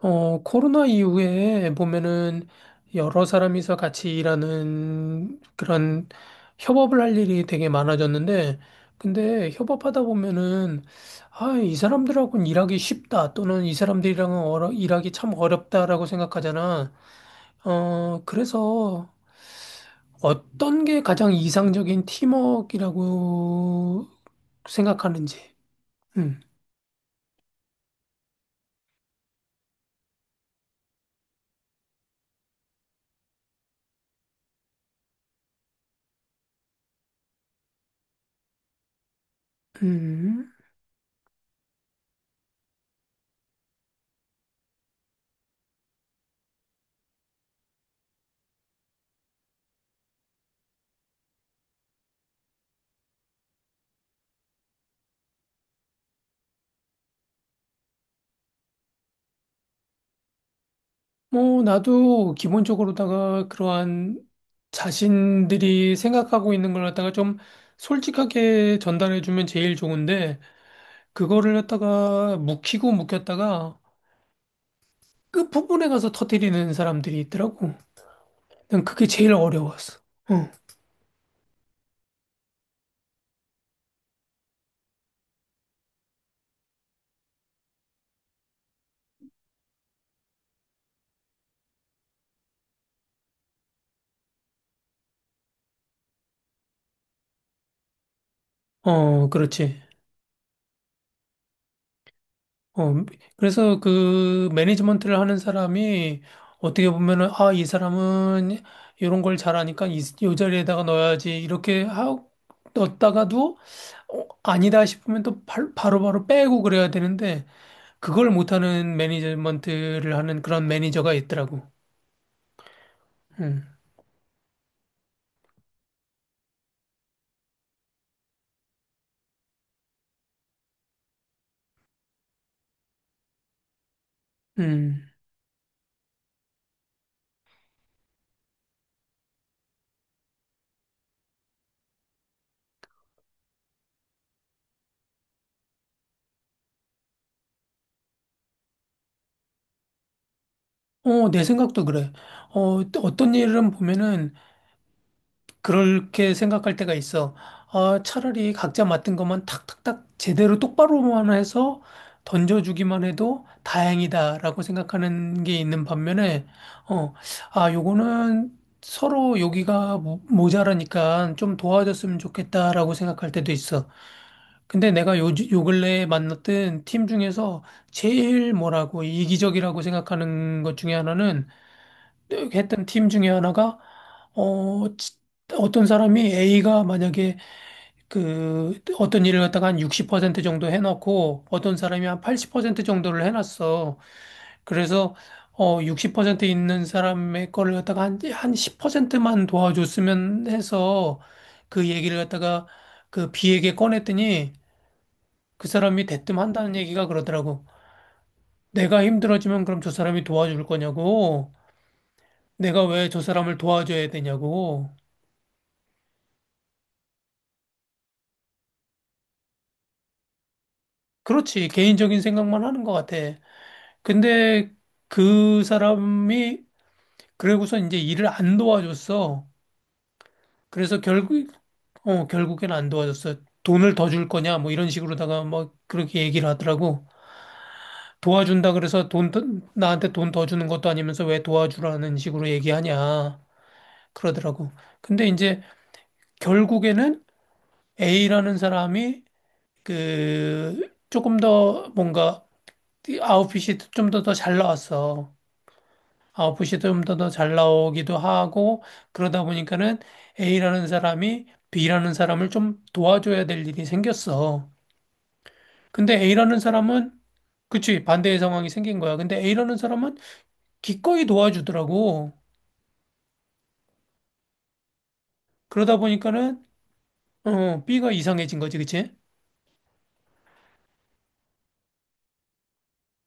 코로나 이후에 보면은 여러 사람이서 같이 일하는 그런 협업을 할 일이 되게 많아졌는데, 근데 협업하다 보면은, 아, 이 사람들하고는 일하기 쉽다, 또는 이 사람들이랑은 일하기 참 어렵다라고 생각하잖아. 그래서 어떤 게 가장 이상적인 팀워크라고 생각하는지. 음, 음. 뭐, 나도 기본적으로다가 그러한 자신들이 생각하고 있는 걸 갖다가 좀 솔직하게 전달해주면 제일 좋은데, 그거를 갖다가 묵히고 묵혔다가 끝부분에 가서 터뜨리는 사람들이 있더라고. 난 그게 제일 어려웠어. 응. 어, 그렇지. 어, 그래서 그 매니지먼트를 하는 사람이 어떻게 보면은, 아, 이 사람은 이런 걸 잘하니까 이 자리에다가 넣어야지. 넣었다가도, 어, 아니다 싶으면 또 바로바로 빼고 그래야 되는데, 그걸 못하는 매니지먼트를 하는 그런 매니저가 있더라고. 음, 음. 어, 내 생각도 그래. 어, 또 어떤 일은 보면은, 그렇게 생각할 때가 있어. 아, 차라리 각자 맡은 것만 탁탁탁 제대로 똑바로만 해서 던져주기만 해도 다행이다라고 생각하는 게 있는 반면에, 어, 아, 요거는 서로 여기가 모자라니까 좀 도와줬으면 좋겠다라고 생각할 때도 있어. 근데 내가 요 근래에 만났던 팀 중에서 제일 뭐라고 이기적이라고 생각하는 것 중에 하나는 했던 팀 중에 하나가 어 지- 어떤 사람이 A가 만약에 그 어떤 일을 갖다가 한 60% 정도 해놓고 어떤 사람이 한 80% 정도를 해놨어. 그래서 어60% 있는 사람의 거를 갖다가 한한 10%만 도와줬으면 해서 그 얘기를 갖다가 그 B에게 꺼냈더니 그 사람이 대뜸 한다는 얘기가 그러더라고. 내가 힘들어지면 그럼 저 사람이 도와줄 거냐고. 내가 왜 저 사람을 도와줘야 되냐고. 그렇지. 개인적인 생각만 하는 것 같아. 근데 그 사람이 그러고서 이제 일을 안 도와줬어. 그래서 결국 어 결국엔 안 도와줬어. 돈을 더 줄 거냐 뭐 이런 식으로다가 뭐 그렇게 얘기를 하더라고. 도와준다 그래서 돈 더- 나한테 돈 더 주는 것도 아니면서 왜 도와주라는 식으로 얘기하냐 그러더라고. 근데 이제 결국에는 A라는 사람이 그 조금 더 뭔가 아웃핏이 좀 더 잘 나왔어. 아웃풋이 좀 더 잘 나오기도 하고 그러다 보니까는 A라는 사람이 B라는 사람을 좀 도와줘야 될 일이 생겼어. 근데 A라는 사람은 그치 반대의 상황이 생긴 거야. 근데 A라는 사람은 기꺼이 도와주더라고. 그러다 보니까는 어 B가 이상해진 거지, 그치?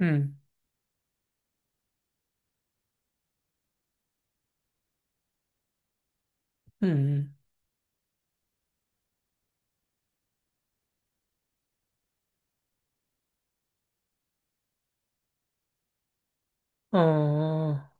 음, 음, 음. 어, 어,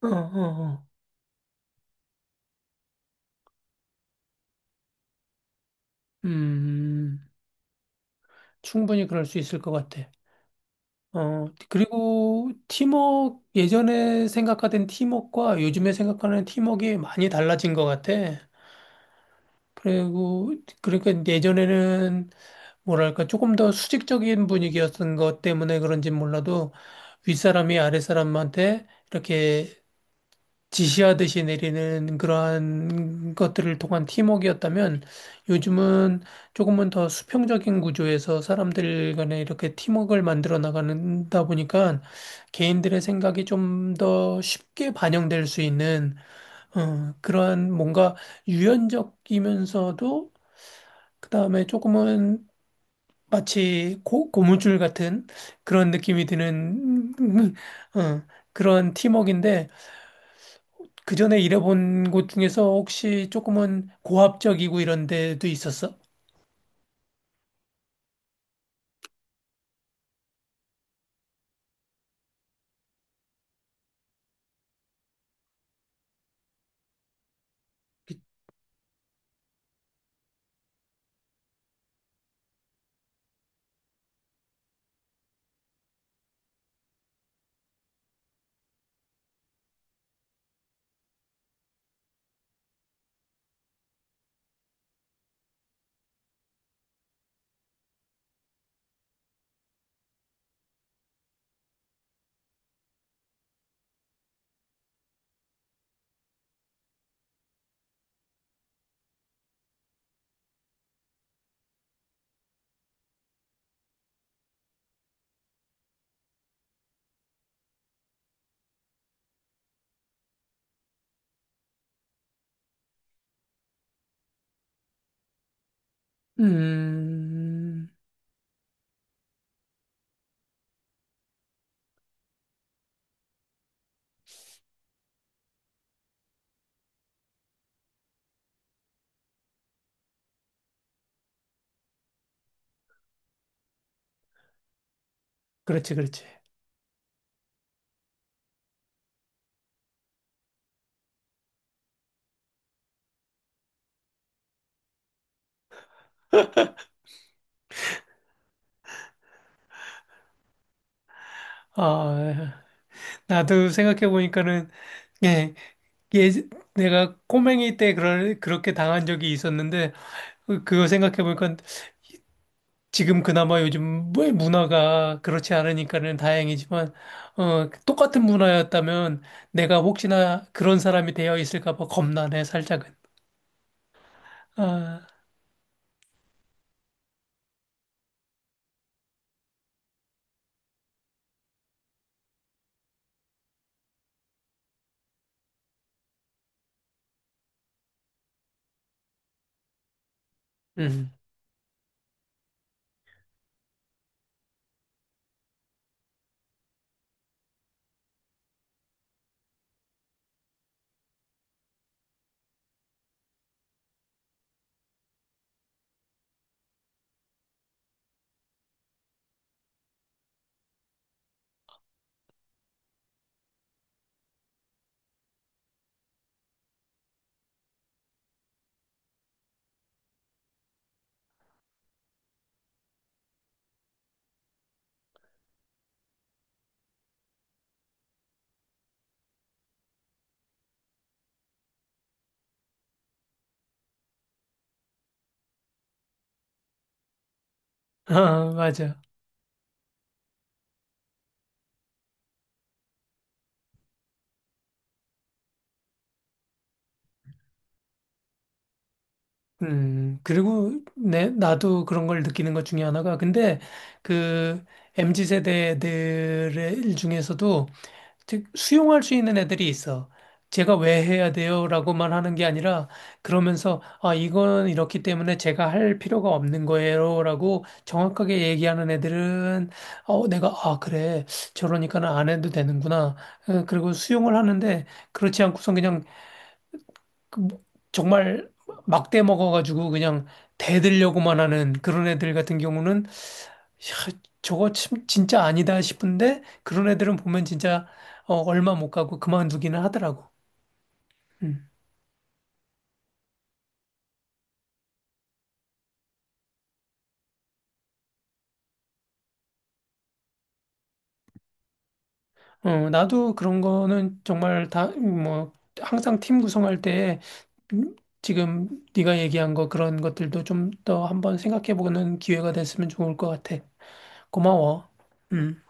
어. 음, 충분히 그럴 수 있을 것 같아. 어, 그리고 팀워크, 예전에 생각하던 팀워크와 요즘에 생각하는 팀워크가 많이 달라진 것 같아. 그리고, 그러니까 예전에는 뭐랄까, 조금 더 수직적인 분위기였던 것 때문에 그런지 몰라도 윗사람이 아랫사람한테 이렇게 지시하듯이 내리는 그러한 것들을 통한 팀워크였다면 요즘은 조금은 더 수평적인 구조에서 사람들 간에 이렇게 팀워크를 만들어 나가다 보니까 개인들의 생각이 좀 더 쉽게 반영될 수 있는 어, 그러한 뭔가 유연적이면서도 그다음에 조금은 마치 고무줄 같은 그런 느낌이 드는 어, 그런 팀워크인데 그 전에 일해본 곳 중에서 혹시 조금은 고압적이고 이런 데도 있었어? 그, 음, 그렇지, 그렇지. 아, 나도 생각해보니까는, 예, 예, 내가 꼬맹이 때 그렇게 당한 적이 있었는데, 그거 생각해보니까 지금 그나마 요즘 뭐 문화가 그렇지 않으니까는 다행이지만, 어, 똑같은 문화였다면 내가 혹시나 그런 사람이 되어 있을까 봐 겁나네, 살짝은. 아, 음. 아, 맞아. 그리고 나도 그런 걸 느끼는 것 중에 하나가, 근데 그 MZ 세대들 중에서도 즉 수용할 수 있는 애들이 있어. 제가 왜 해야 돼요? 라고만 하는 게 아니라, 그러면서, 아, 이건 이렇기 때문에 제가 할 필요가 없는 거예요. 라고 정확하게 얘기하는 애들은, 아, 그래. 저러니까는 안 해도 되는구나. 어, 그리고 수용을 하는데, 그렇지 않고선 그냥 그 뭐- 정말 막대 먹어가지고 그냥 대들려고만 하는 그런 애들 같은 경우는 야, 저거 참 진짜 아니다 싶은데 그런 애들은 보면 진짜 어, 얼마 못 가고 그만두기는 하더라고. 음. 어, 나도 그런 거는 정말 다 뭐 항상 팀 구성할 때 음, 지금 네가 얘기한 거 그런 것들도 좀 더 한번 생각해 보는 기회가 됐으면 좋을 것 같아. 고마워. 음.